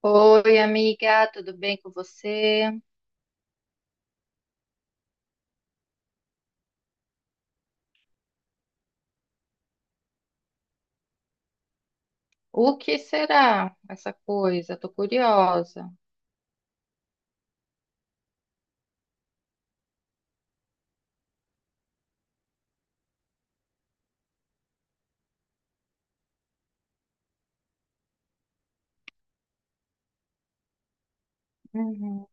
Oi, amiga, tudo bem com você? O que será essa coisa? Tô curiosa. Uhum.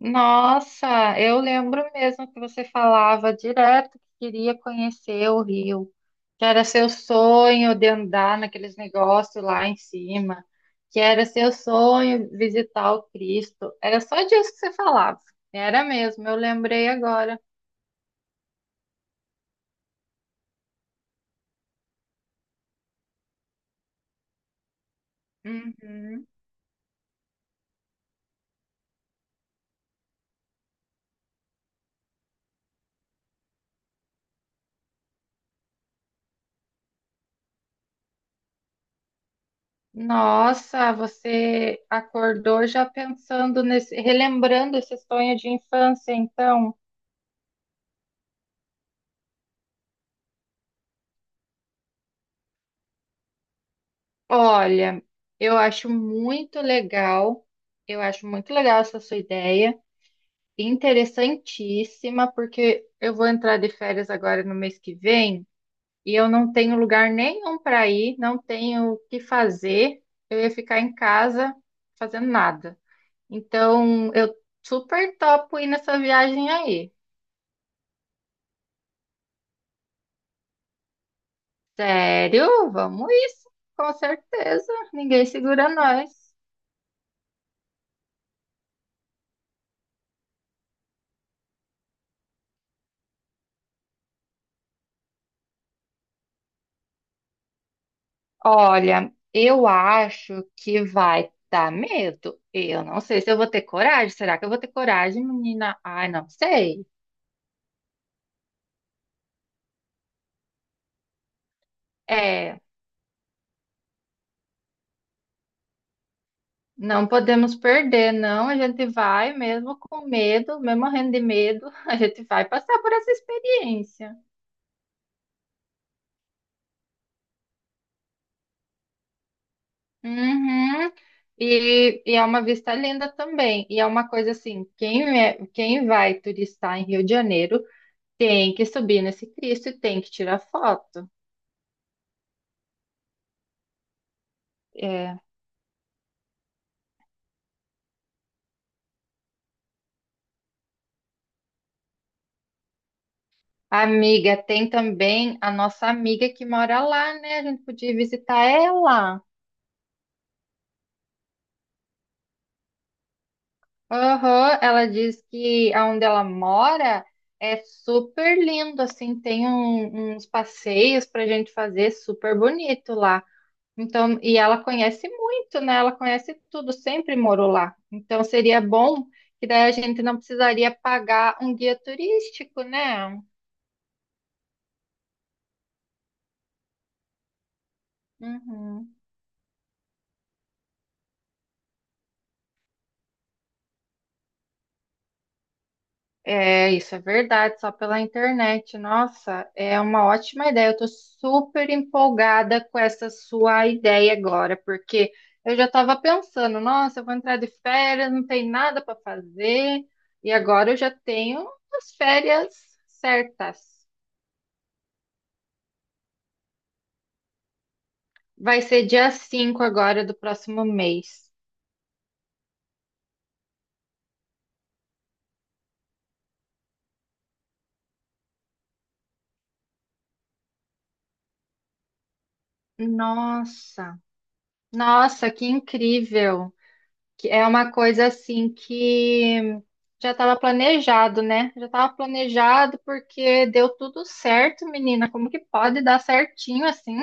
Nossa, eu lembro mesmo que você falava direto que queria conhecer o Rio, que era seu sonho de andar naqueles negócios lá em cima, que era seu sonho visitar o Cristo. Era só disso que você falava. Era mesmo, eu lembrei agora. Uhum. Nossa, você acordou já pensando nesse, relembrando esse sonho de infância, então. Olha, eu acho muito legal, eu acho muito legal essa sua ideia, interessantíssima, porque eu vou entrar de férias agora no mês que vem e eu não tenho lugar nenhum para ir, não tenho o que fazer, eu ia ficar em casa fazendo nada. Então, eu super topo ir nessa viagem aí. Sério? Vamos isso, com certeza. Ninguém segura nós. Olha, eu acho que vai dar medo. Eu não sei se eu vou ter coragem. Será que eu vou ter coragem, menina? Ai, não sei. É, não podemos perder, não. A gente vai, mesmo com medo, mesmo morrendo de medo, a gente vai passar por essa experiência. Uhum. E é uma vista linda também. E é uma coisa assim, quem, é, quem vai turistar em Rio de Janeiro, tem que subir nesse Cristo e tem que tirar foto. É. Amiga, tem também a nossa amiga que mora lá, né? A gente podia visitar ela. Aham, ela diz que aonde ela mora é super lindo, assim, tem uns passeios pra gente fazer super bonito lá. Então, e ela conhece muito, né? Ela conhece tudo, sempre morou lá. Então, seria bom que daí a gente não precisaria pagar um guia turístico, né? Uhum. É, isso é verdade, só pela internet. Nossa, é uma ótima ideia. Eu tô super empolgada com essa sua ideia agora, porque eu já estava pensando, nossa, eu vou entrar de férias, não tem nada para fazer, e agora eu já tenho as férias certas. Vai ser dia 5 agora do próximo mês. Nossa, Nossa, que incrível! Que é uma coisa assim que já estava planejado, né? Já estava planejado porque deu tudo certo, menina. Como que pode dar certinho assim?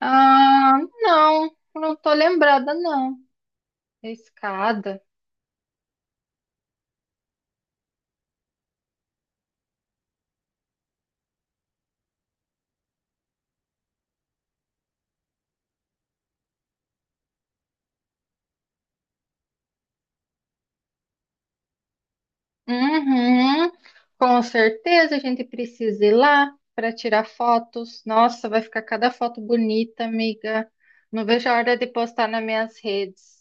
Ah, não, não tô lembrada, não. Escada. Uhum. Com certeza a gente precisa ir lá para tirar fotos. Nossa, vai ficar cada foto bonita, amiga. Não vejo a hora de postar nas minhas redes.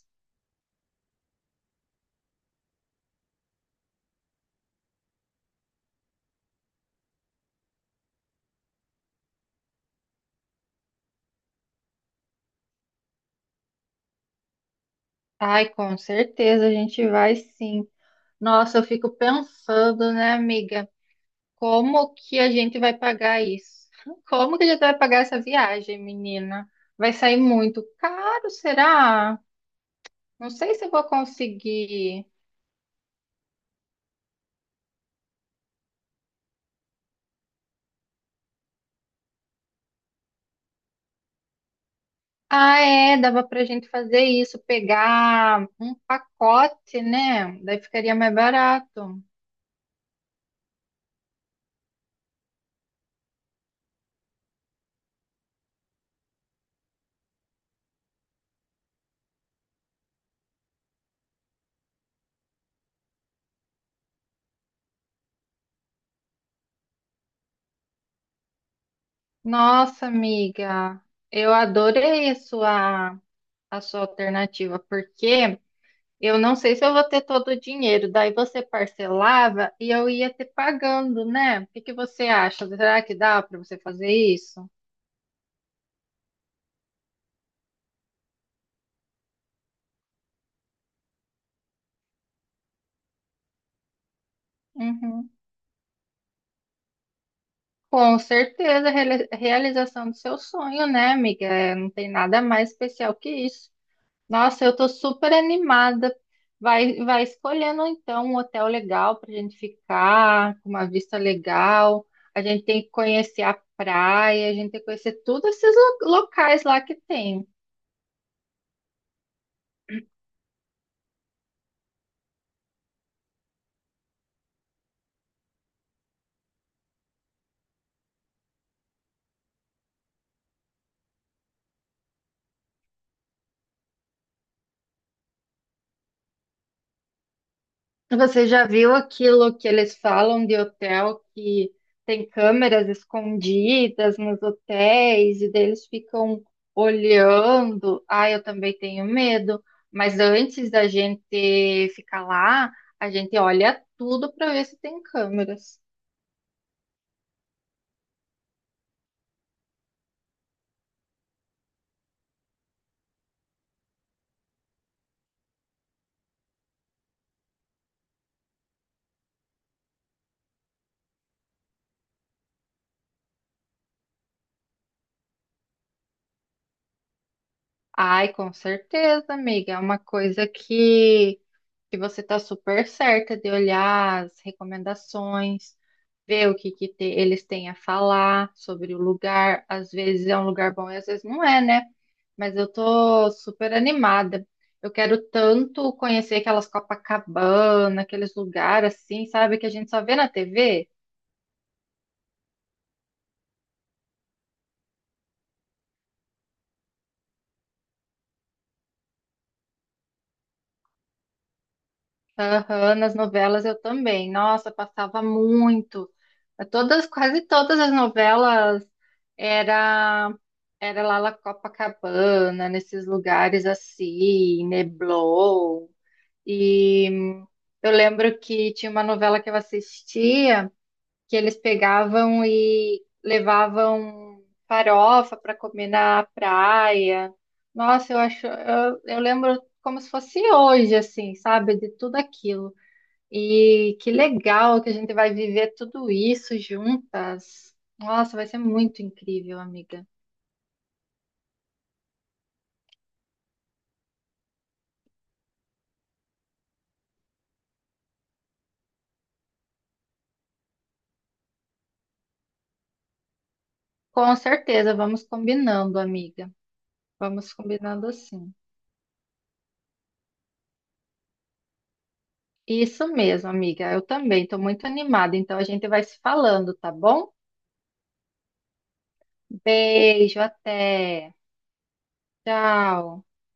Ai, com certeza a gente vai sim. Nossa, eu fico pensando, né, amiga? Como que a gente vai pagar isso? Como que a gente vai pagar essa viagem, menina? Vai sair muito caro, será? Não sei se eu vou conseguir. Ah, é, dava pra gente fazer isso, pegar um pacote, né? Daí ficaria mais barato. Nossa, amiga, eu adorei a sua alternativa, porque. Eu não sei se eu vou ter todo o dinheiro. Daí você parcelava e eu ia ter pagando, né? O que que você acha? Será que dá para você fazer isso? Uhum. Com certeza, realização do seu sonho, né, amiga? É, não tem nada mais especial que isso. Nossa, eu tô super animada. Vai escolhendo então um hotel legal pra gente ficar, com uma vista legal. A gente tem que conhecer a praia, a gente tem que conhecer todos esses locais lá que tem. Você já viu aquilo que eles falam de hotel que tem câmeras escondidas nos hotéis e deles ficam olhando? Ah, eu também tenho medo, mas antes da gente ficar lá, a gente olha tudo para ver se tem câmeras. Ai, com certeza, amiga, é uma coisa que você está super certa de olhar as recomendações, ver o que que eles têm a falar sobre o lugar. Às vezes é um lugar bom e às vezes não é, né? Mas eu tô super animada. Eu quero tanto conhecer aquelas Copacabana, aqueles lugares assim, sabe, que a gente só vê na TV. Aham, nas novelas eu também. Nossa, passava muito. É. Todas, quase todas as novelas era era lá na Copacabana, nesses lugares assim, Neblon. E eu lembro que tinha uma novela que eu assistia que eles pegavam e levavam farofa para comer na praia. Nossa, eu acho, eu lembro como se fosse hoje, assim, sabe, de tudo aquilo. E que legal que a gente vai viver tudo isso juntas. Nossa, vai ser muito incrível, amiga. Com certeza, vamos combinando, amiga. Vamos combinando assim. Isso mesmo, amiga. Eu também estou muito animada, então a gente vai se falando, tá bom? Beijo, até. Tchau.